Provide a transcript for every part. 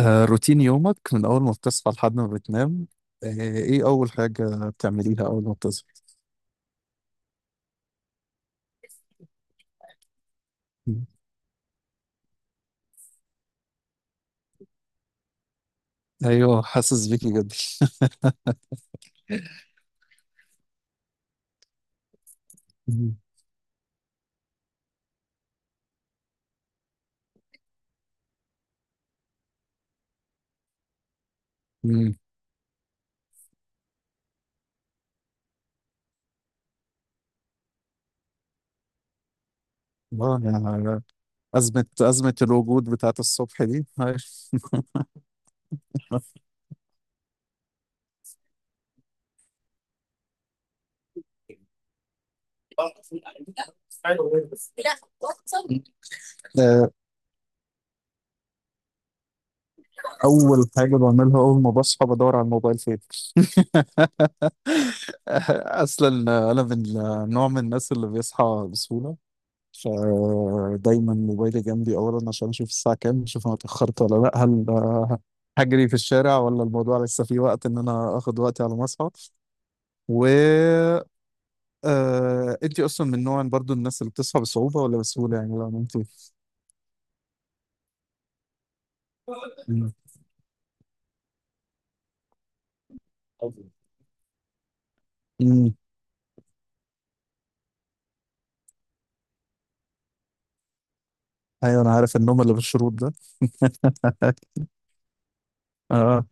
روتين يومك من أول ما بتصحى لحد ما بتنام. آه، إيه أول حاجة بتعمليها أول ما بتصحى؟ مم. أيوه، حاسس بيكي جدا. مم. مم. يعني أزمة أزمة الوجود بتاعت الصبح دي، عارف. لا، بطل. آه، أول حاجة بعملها أول ما بصحى، بدور على الموبايل فين. أصلا أنا من نوع من الناس اللي بيصحى بسهولة، فدايما موبايلي جنبي اولا عشان اشوف الساعه كام، اشوف انا اتاخرت ولا لا، هل هجري في الشارع ولا الموضوع لسه فيه وقت ان انا اخد وقتي على ما اصحى. و انتي اصلا من نوع برضو الناس اللي بتصحى بصعوبه ولا بسهوله، يعني لو انتي. مم. مم. ايوه، انا عارف النوم اللي بالشروط ده. اه.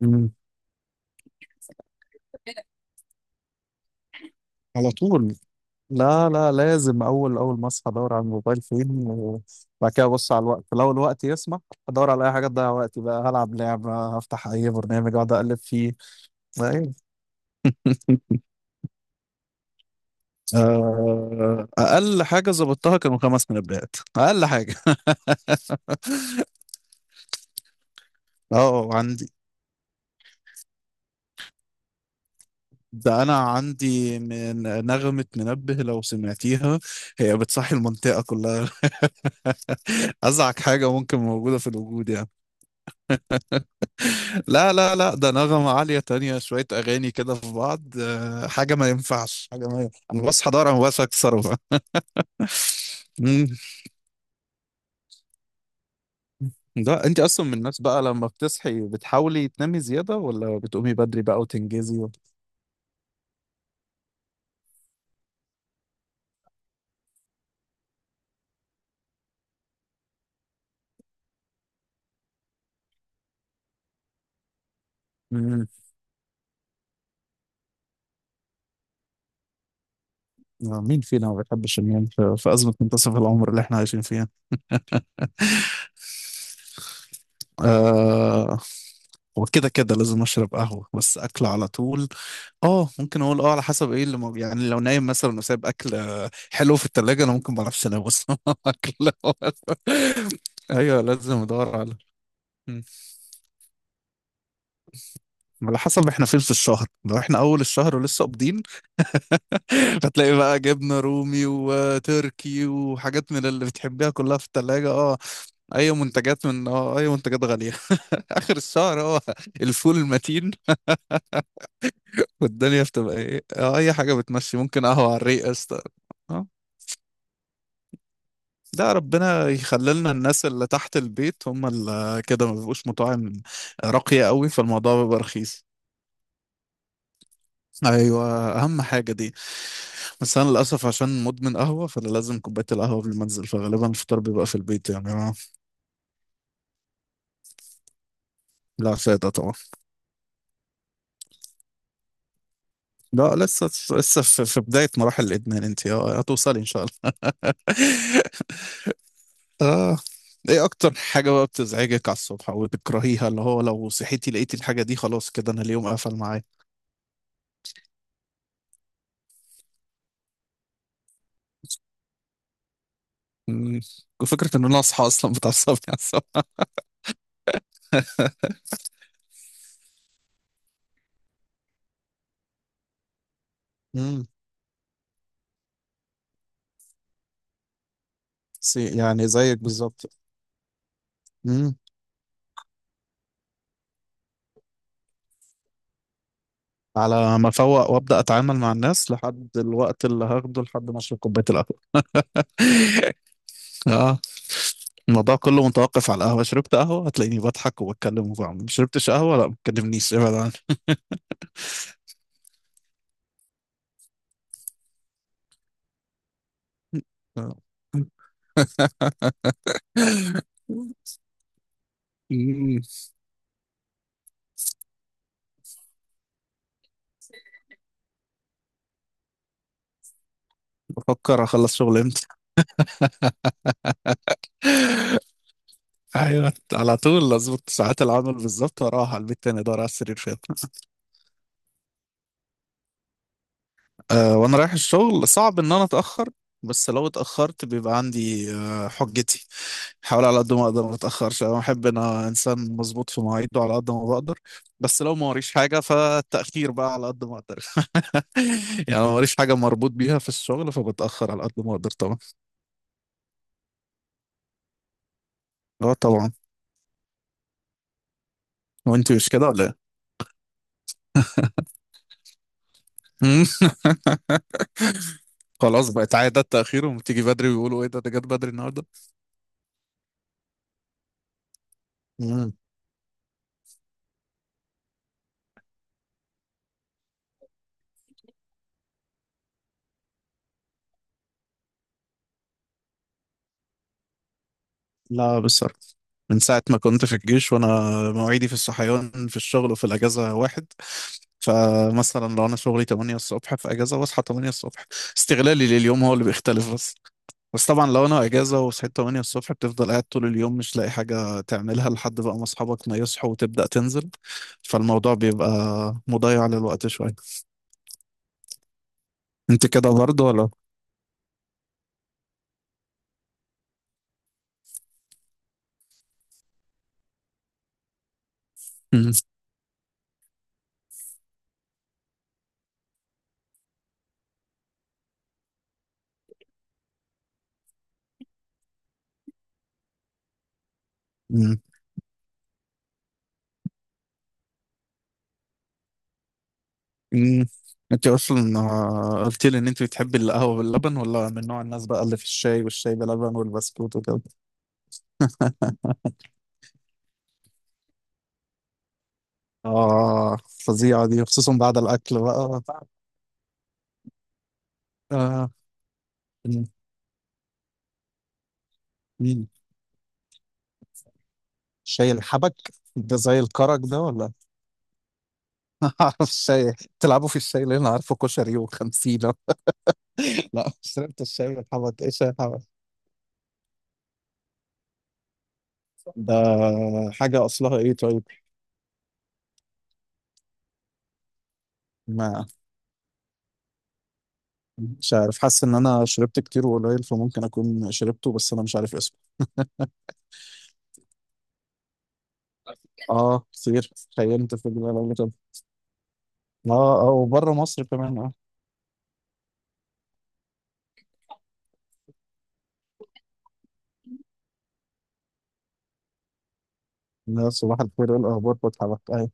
مم. على طول، لا لا، لازم اول اول ما اصحى ادور على الموبايل فين، وبعد كده ابص على الوقت، لو الوقت يسمح ادور على اي حاجه تضيع وقتي بقى، هلعب لعبه، هفتح اي برنامج اقعد اقلب فيه. أيوة. اقل حاجه ظبطتها كانوا 5 منبهات، اقل حاجه. اه، عندي، ده انا عندي من نغمه منبه لو سمعتيها، هي بتصحي المنطقه كلها. ازعج حاجه ممكن موجوده في الوجود يعني. لا لا لا، ده نغمة عالية تانية، شوية أغاني كده في بعض، حاجة ما ينفعش حاجة ما ينفعش. أنا بصحى دار أنا بس أكسرها. مم. ده أنت أصلا من الناس بقى لما بتصحي بتحاولي تنامي زيادة ولا بتقومي بدري بقى وتنجزي و... مم. مين فينا ما بيحبش النوم في أزمة منتصف العمر اللي إحنا عايشين فيها. آه، وكده كده لازم أشرب قهوة، بس أكل على طول. اه، ممكن اقول اه، على حسب ايه اللي موجود، يعني لو نايم مثلا وسايب اكل حلو في التلاجة، انا ممكن ما اعرفش انام اصلا. اكل، ايوه لازم ادور على. مم. على حسب احنا فين في الشهر، لو احنا اول الشهر ولسه قابضين. هتلاقي بقى جبنة رومي وتركي وحاجات من اللي بتحبيها كلها في التلاجة. اه، اي منتجات من اي منتجات غالية. اخر الشهر، الفول المتين، والدنيا بتبقى ايه، اه، اي حاجة بتمشي، ممكن قهوة على الريق قشطة. اه، ده ربنا يخللنا، الناس اللي تحت البيت هم اللي كده، ما بيبقوش مطاعم راقية قوي، فالموضوع بيبقى رخيص. ايوه، اهم حاجة دي. بس انا للاسف عشان مدمن قهوة، فانا لازم كوباية القهوة قبل ما انزل، فغالبا الفطار بيبقى في البيت، يعني أنا. لا، فايدة طبعا. لا، لسه لسه في بداية مراحل الادمان انت، هتوصلي ان شاء الله. اه. ايه اكتر حاجة بقى بتزعجك على الصبح او بتكرهيها، اللي هو لو صحيتي لقيتي الحاجة دي خلاص كده انا اليوم قفل معايا. مم. وفكرة ان انا اصحى اصلا بتعصبني عصب. امم سي يعني زيك بالظبط. امم على ما افوق وابدا اتعامل مع الناس، لحد الوقت اللي هاخده لحد ما اشرب كوبايه القهوه. اه الموضوع كله متوقف على القهوه، شربت قهوه هتلاقيني بضحك وبتكلم وبعمل، ما شربتش قهوه لا ما تكلمنيش ابعد عني. آه. مم. بفكر اخلص شغل امتى. ايوه، على طول اظبط ساعات العمل بالظبط، واروح على البيت تاني ادور على السرير فين. أه، وانا رايح الشغل صعب ان انا اتاخر، بس لو اتاخرت بيبقى عندي حجتي. بحاول على قد ما اقدر ما اتاخرش، انا بحب ان انا انسان مظبوط في مواعيده على قد ما بقدر، بس لو ما وريش حاجه فالتاخير بقى على قد ما اقدر. يعني ما وريش حاجه مربوط بيها في الشغل فبتاخر على قد ما اقدر طبعا. اه طبعا. وانت مش كده ولا ايه؟ خلاص، بقت عاده التاخير، وبتيجي بدري ويقولوا ايه ده جت بدري النهارده. لا، بالظبط، من ساعة ما كنت في الجيش وأنا مواعيدي في الصحيان في الشغل وفي الأجازة واحد. فمثلا لو أنا شغلي 8 الصبح، في أجازة بصحى 8 الصبح، استغلالي لليوم هو اللي بيختلف بس. بس طبعا لو أنا أجازة وصحيت 8 الصبح، بتفضل قاعد طول اليوم مش لاقي حاجة تعملها لحد بقى ما أصحابك ما يصحوا وتبدأ تنزل، فالموضوع بيبقى مضيع للوقت شوية. أنت كده برضه ولا؟ مم. انت اصلا قلت لي ان انت بتحبي القهوه باللبن ولا من نوع الناس بقى اللي في الشاي، والشاي بلبن والبسكوت وكده. اه، فظيعه دي خصوصا بعد الاكل بقى. آه. مم. مم. شاي الحبك ده زي الكرك ده ولا؟ عارف الشاي، تلعبوا في الشاي اللي انا عارفه كشري وخمسين. لا، شربت الشاي بالحبك، ايه شاي الحبك؟ ده حاجه اصلها ايه طيب؟ ما مش عارف، حاسس ان انا شربت كتير وقليل فممكن اكون شربته، بس انا مش عارف اسمه. اه كتير، خيمت في الجبال قبل كده. اه اه، وبره مصر كمان اه. لا، صباح الخير ايه الاخبار فتحي حبك، ايوه.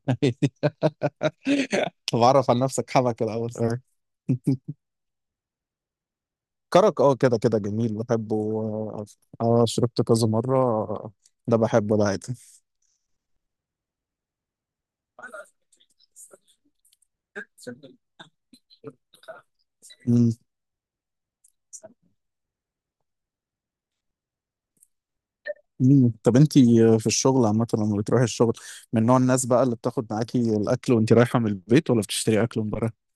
طب اعرف عن نفسك حبك الاول. آه. كرك، اه كده كده، جميل بحبه. اه، شربت كذا مره. ده بحبه ده عادي. مم. مم. طب انتي في الشغل عامة لما بتروحي الشغل، من نوع الناس بقى اللي بتاخد معاكي الأكل وانتي رايحة من البيت، ولا بتشتري أكل من بره؟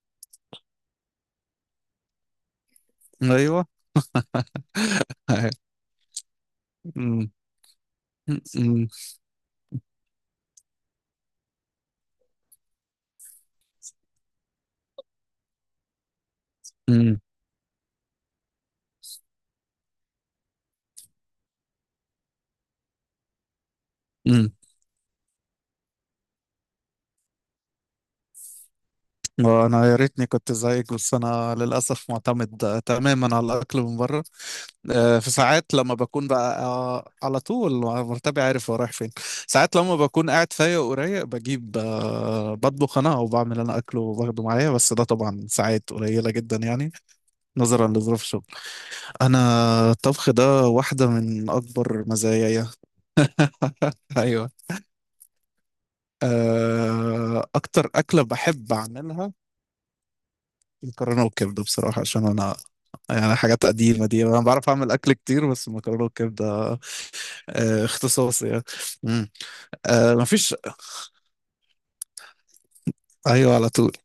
أيوه. مم. مم. مم. مم. وانا يا ريتني كنت زيك، بس انا للاسف معتمد تماما على الاكل من بره. في ساعات لما بكون بقى على طول مرتبي عارف هو رايح فين. ساعات لما بكون قاعد فايق ورايق بجيب، بطبخ انا او بعمل انا اكل وباخده معايا، بس ده طبعا ساعات قليله جدا يعني، نظرا لظروف شغل. انا الطبخ ده واحده من اكبر مزاياي. ايوه، اكتر اكله بحب اعملها مكرونه وكبده بصراحه، عشان انا يعني حاجات قديمه دي، انا بعرف اعمل اكل كتير بس مكرونه وكبده اختصاصي يعني. مم. مفيش، ايوه على طول